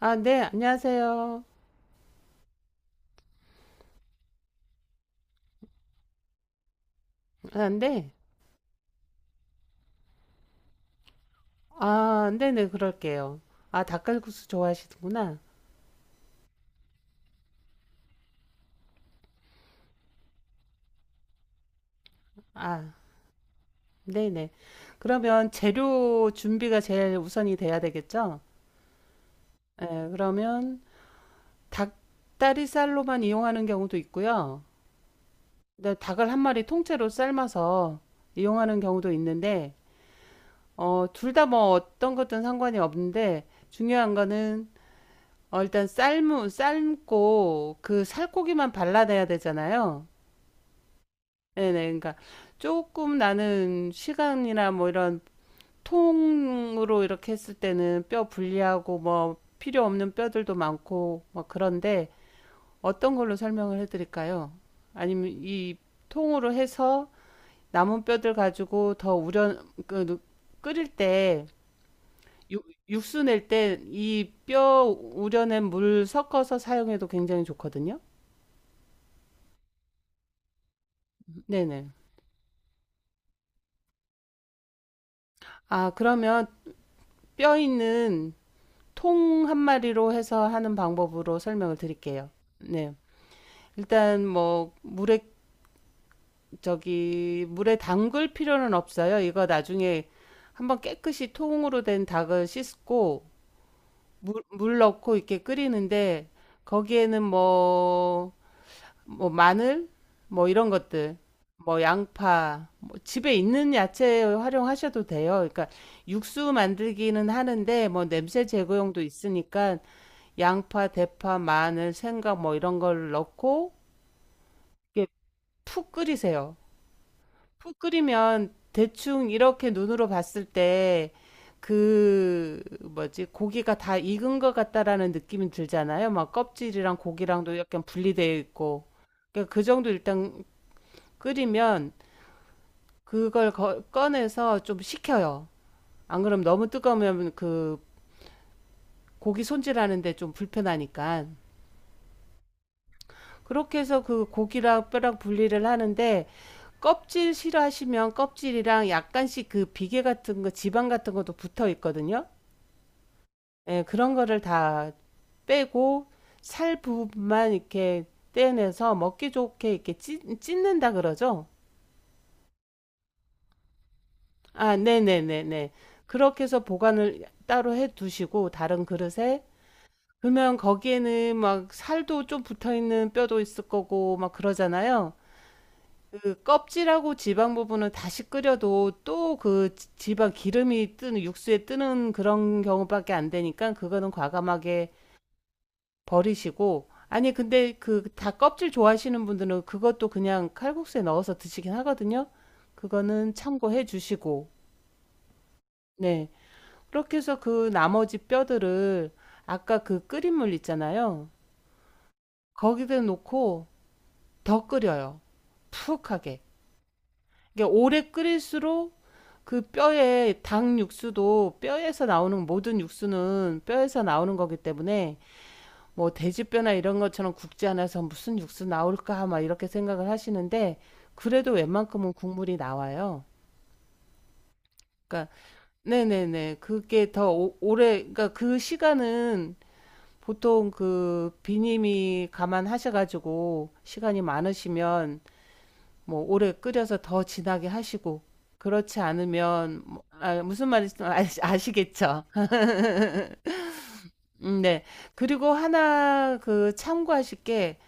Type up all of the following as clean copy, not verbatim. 아, 네, 안녕하세요. 아, 네. 아, 네네, 그럴게요. 아, 닭갈국수 좋아하시는구나. 아, 네네. 그러면 재료 준비가 제일 우선이 돼야 되겠죠? 예, 그러면 닭다리살로만 이용하는 경우도 있고요. 네, 닭을 한 마리 통째로 삶아서 이용하는 경우도 있는데, 둘 다 뭐 어떤 것든 상관이 없는데, 중요한 거는, 일단 삶고 그 살코기만 발라내야 되잖아요. 네네. 그러니까 조금 나는 시간이나 뭐 이런 통으로 이렇게 했을 때는 뼈 분리하고 뭐 필요 없는 뼈들도 많고 뭐 그런데 어떤 걸로 설명을 해드릴까요? 아니면 이 통으로 해서 남은 뼈들 가지고 더 우려 그 끓일 때 육수 낼 때 이 뼈 우려낸 물 섞어서 사용해도 굉장히 좋거든요. 네네. 아, 그러면 뼈 있는 통 한 마리로 해서 하는 방법으로 설명을 드릴게요. 네. 일단 뭐 물에 저기 물에 담글 필요는 없어요. 이거 나중에 한번 깨끗이 통으로 된 닭을 씻고 물 넣고 이렇게 끓이는데 거기에는 뭐, 뭐 마늘 뭐 이런 것들 뭐 양파 뭐 집에 있는 야채 활용하셔도 돼요. 그러니까 육수 만들기는 하는데 뭐 냄새 제거용도 있으니까 양파, 대파, 마늘, 생강 뭐 이런 걸 넣고 이게 푹 끓이세요. 푹 끓이면 대충 이렇게 눈으로 봤을 때 그 뭐지 고기가 다 익은 것 같다라는 느낌이 들잖아요. 막 껍질이랑 고기랑도 약간 분리되어 있고 그러니까 그 정도 일단 끓이면 그걸 꺼내서 좀 식혀요. 안 그럼 너무 뜨거우면 그 고기 손질하는데 좀 불편하니까. 그렇게 해서 그 고기랑 뼈랑 분리를 하는데 껍질 싫어하시면 껍질이랑 약간씩 그 비계 같은 거, 지방 같은 것도 붙어 있거든요. 예, 그런 거를 다 빼고 살 부분만 이렇게 떼내서 먹기 좋게 이렇게 찢는다 그러죠. 아, 네네네네. 그렇게 해서 보관을 따로 해 두시고 다른 그릇에 그러면 거기에는 막 살도 좀 붙어 있는 뼈도 있을 거고 막 그러잖아요. 그 껍질하고 지방 부분은 다시 끓여도 또 그 지방 기름이 뜨는 육수에 뜨는 그런 경우밖에 안 되니까 그거는 과감하게 버리시고 아니 근데 그 다 껍질 좋아하시는 분들은 그것도 그냥 칼국수에 넣어서 드시긴 하거든요. 그거는 참고해 주시고 네 그렇게 해서 그 나머지 뼈들을 아까 그 끓인 물 있잖아요. 거기다 놓고 더 끓여요. 푹하게. 이게 오래 끓일수록 그 뼈에 닭 육수도 뼈에서 나오는 모든 육수는 뼈에서 나오는 거기 때문에 뭐 돼지뼈나 이런 것처럼 굽지 않아서 무슨 육수 나올까 막 이렇게 생각을 하시는데 그래도 웬만큼은 국물이 나와요. 그러니까 네네네 그게 더 오래 그러니까 그 시간은 보통 그 비님이 감안하셔가지고 시간이 많으시면 뭐 오래 끓여서 더 진하게 하시고 그렇지 않으면 아, 무슨 말인지 아시겠죠? 네. 그리고 하나 그 참고하실 게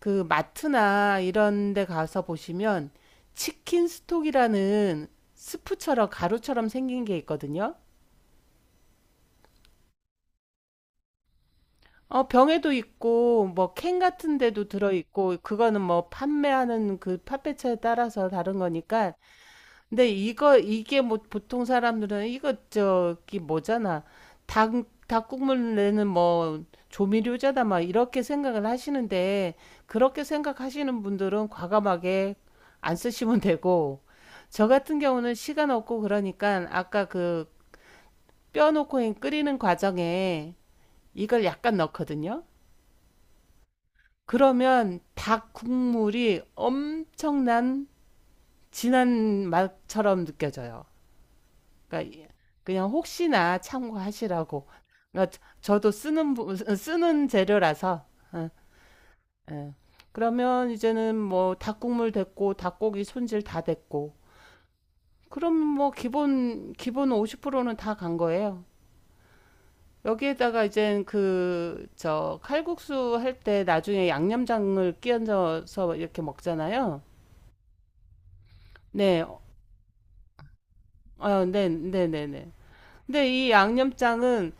그 마트나 이런 데 가서 보시면 치킨 스톡이라는 스프처럼 가루처럼 생긴 게 있거든요. 병에도 있고 뭐 캔 같은 데도 들어 있고 그거는 뭐 판매하는 그 판매처에 따라서 다른 거니까 근데 이거 이게 뭐 보통 사람들은 이거 저기 뭐잖아. 닭 닭국물 내는 뭐 조미료잖아 막 이렇게 생각을 하시는데 그렇게 생각하시는 분들은 과감하게 안 쓰시면 되고 저 같은 경우는 시간 없고 그러니까 아까 그 뼈 넣고 끓이는 과정에 이걸 약간 넣거든요. 그러면 닭 국물이 엄청난 진한 맛처럼 느껴져요. 그러니까 그냥 혹시나 참고하시라고. 그러니까 저도 쓰는 쓰는 재료라서. 어, 예. 그러면 이제는 뭐 닭국물 됐고 닭고기 손질 다 됐고. 그럼 뭐 기본 50%는 다 간 거예요. 여기에다가 이제 그 저 칼국수 할 때 나중에 양념장을 끼얹어서 이렇게 먹잖아요. 네. 네, 네, 네, 네. 근데 이 양념장은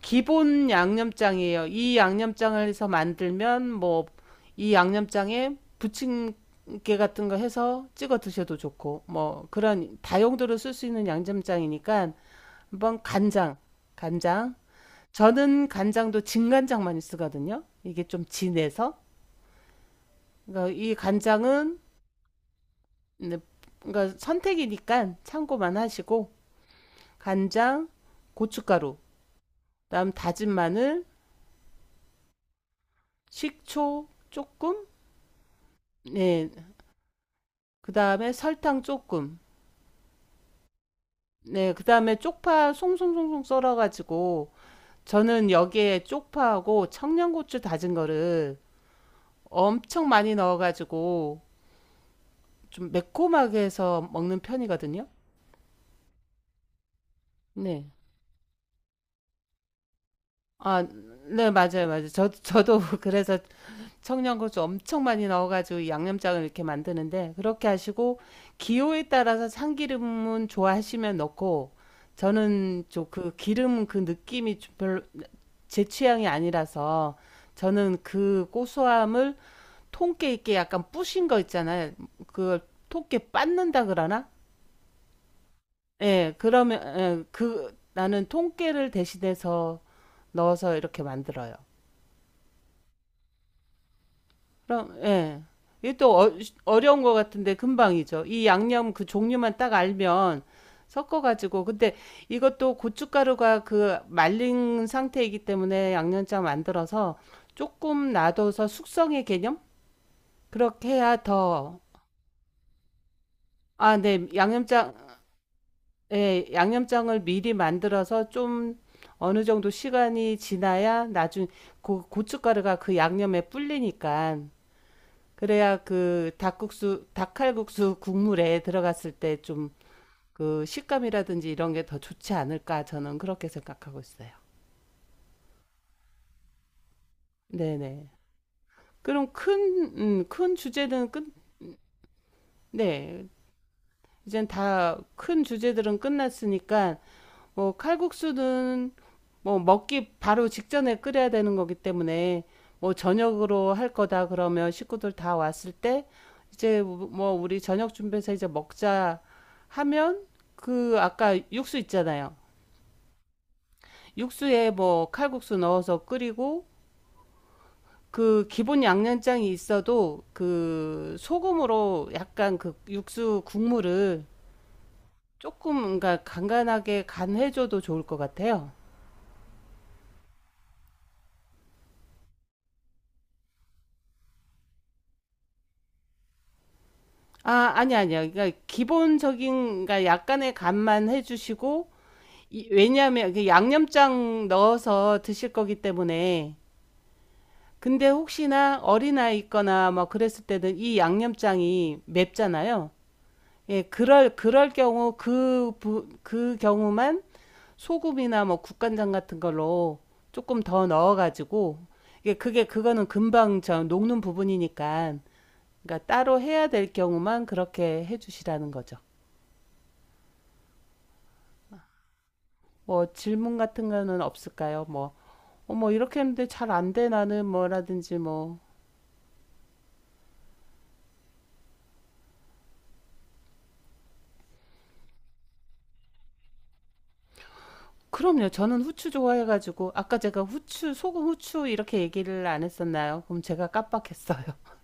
기본 양념장이에요. 이 양념장을 해서 만들면 뭐 이 양념장에 부침개 같은 거 해서 찍어 드셔도 좋고 뭐 그런 다용도로 쓸 수 있는 양념장이니까 한번 간장, 간장. 저는 간장도 진간장 많이 쓰거든요. 이게 좀 진해서. 그러니까 이 간장은 네, 그러니까 선택이니까 참고만 하시고 간장, 고춧가루, 그다음 다진 마늘, 식초 조금 네, 그 다음에 설탕 조금. 네, 그 다음에 쪽파 송송송송 썰어가지고, 저는 여기에 쪽파하고 청양고추 다진 거를 엄청 많이 넣어가지고, 좀 매콤하게 해서 먹는 편이거든요. 네. 아, 네, 맞아요, 맞아요. 저도 그래서 청양고추 엄청 많이 넣어가지고 양념장을 이렇게 만드는데, 그렇게 하시고, 기호에 따라서 참기름은 좋아하시면 넣고, 저는 좀 그 기름 그 느낌이 좀 별로 제 취향이 아니라서 저는 그 고소함을 통깨 있게 약간 뿌신 거 있잖아요. 그걸 통깨 빻는다 그러나? 예, 그러면 예, 그 나는 통깨를 대신해서 넣어서 이렇게 만들어요. 그럼 예. 이게 또 어려운 것 같은데 금방이죠. 이 양념 그 종류만 딱 알면 섞어가지고 근데 이것도 고춧가루가 그 말린 상태이기 때문에 양념장 만들어서 조금 놔둬서 숙성의 개념? 그렇게 해야 더, 아, 네, 양념장, 예, 양념장을 미리 만들어서 좀 어느 정도 시간이 지나야 나중, 고춧가루가 그 양념에 불리니까, 그래야 그 닭국수, 닭칼국수 국물에 들어갔을 때 좀 그 식감이라든지 이런 게 더 좋지 않을까, 저는 그렇게 생각하고 있어요. 네네. 그럼 큰, 큰 주제는 끝, 네. 이젠 다 큰 주제들은 끝났으니까, 뭐 칼국수는 뭐 먹기 바로 직전에 끓여야 되는 거기 때문에 뭐 저녁으로 할 거다 그러면 식구들 다 왔을 때 이제 뭐 우리 저녁 준비해서 이제 먹자 하면 그 아까 육수 있잖아요. 육수에 뭐 칼국수 넣어서 끓이고 그 기본 양념장이 있어도 그 소금으로 약간 그 육수 국물을 조금 그러니까 간간하게 간해줘도 좋을 것 같아요. 아, 아니 아니야. 그러니까 기본적인, 그러니까 약간의 간만 해주시고, 왜냐하면 그 양념장 넣어서 드실 거기 때문에. 근데 혹시나 어린아이 있거나 뭐 그랬을 때는 이 양념장이 맵잖아요. 예, 그럴 경우 그, 부, 그 경우만 소금이나 뭐 국간장 같은 걸로 조금 더 넣어가지고, 이게 그게, 그거는 금방 저 녹는 부분이니까, 그러니까 따로 해야 될 경우만 그렇게 해주시라는 거죠. 뭐 질문 같은 거는 없을까요? 뭐, 어머, 이렇게 했는데 잘 안 돼, 나는 뭐라든지 뭐. 그럼요. 저는 후추 좋아해가지고, 아까 제가 후추, 소금, 후추 이렇게 얘기를 안 했었나요? 그럼 제가 깜빡했어요.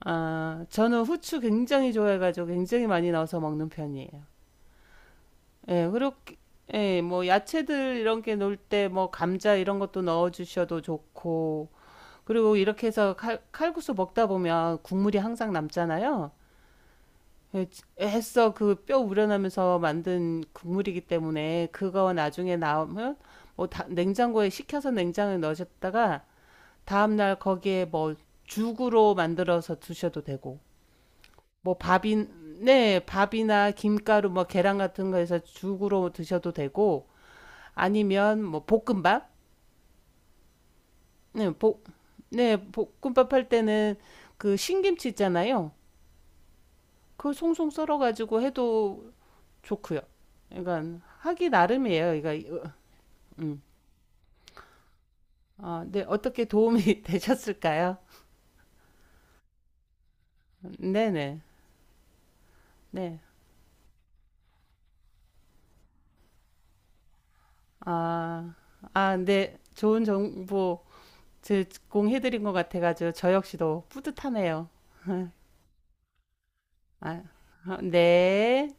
아, 저는 후추 굉장히 좋아해가지고 굉장히 많이 넣어서 먹는 편이에요. 예, 그렇게, 예, 뭐, 야채들 이런 게 넣을 때, 뭐, 감자 이런 것도 넣어주셔도 좋고, 그리고 이렇게 해서 칼국수 먹다 보면 국물이 항상 남잖아요. 애써 그 뼈 우려내면서 만든 국물이기 때문에 그거 나중에 나오면 뭐 냉장고에 식혀서 냉장고에 넣으셨다가 다음날 거기에 뭐 죽으로 만들어서 드셔도 되고 뭐 밥인 네 밥이나 김가루 뭐 계란 같은 거에서 죽으로 드셔도 되고 아니면 뭐 볶음밥 네볶네 볶음밥 할 때는 그 신김치 있잖아요 그걸 송송 썰어가지고 해도 좋고요. 그러니까 하기 나름이에요. 그러니까 음. 아, 네 어떻게 도움이 되셨을까요? 네네 네. 아, 아, 네 좋은 정보 제공해드린 것 같아가지고 저 역시도 뿌듯하네요. 아, 아, 네.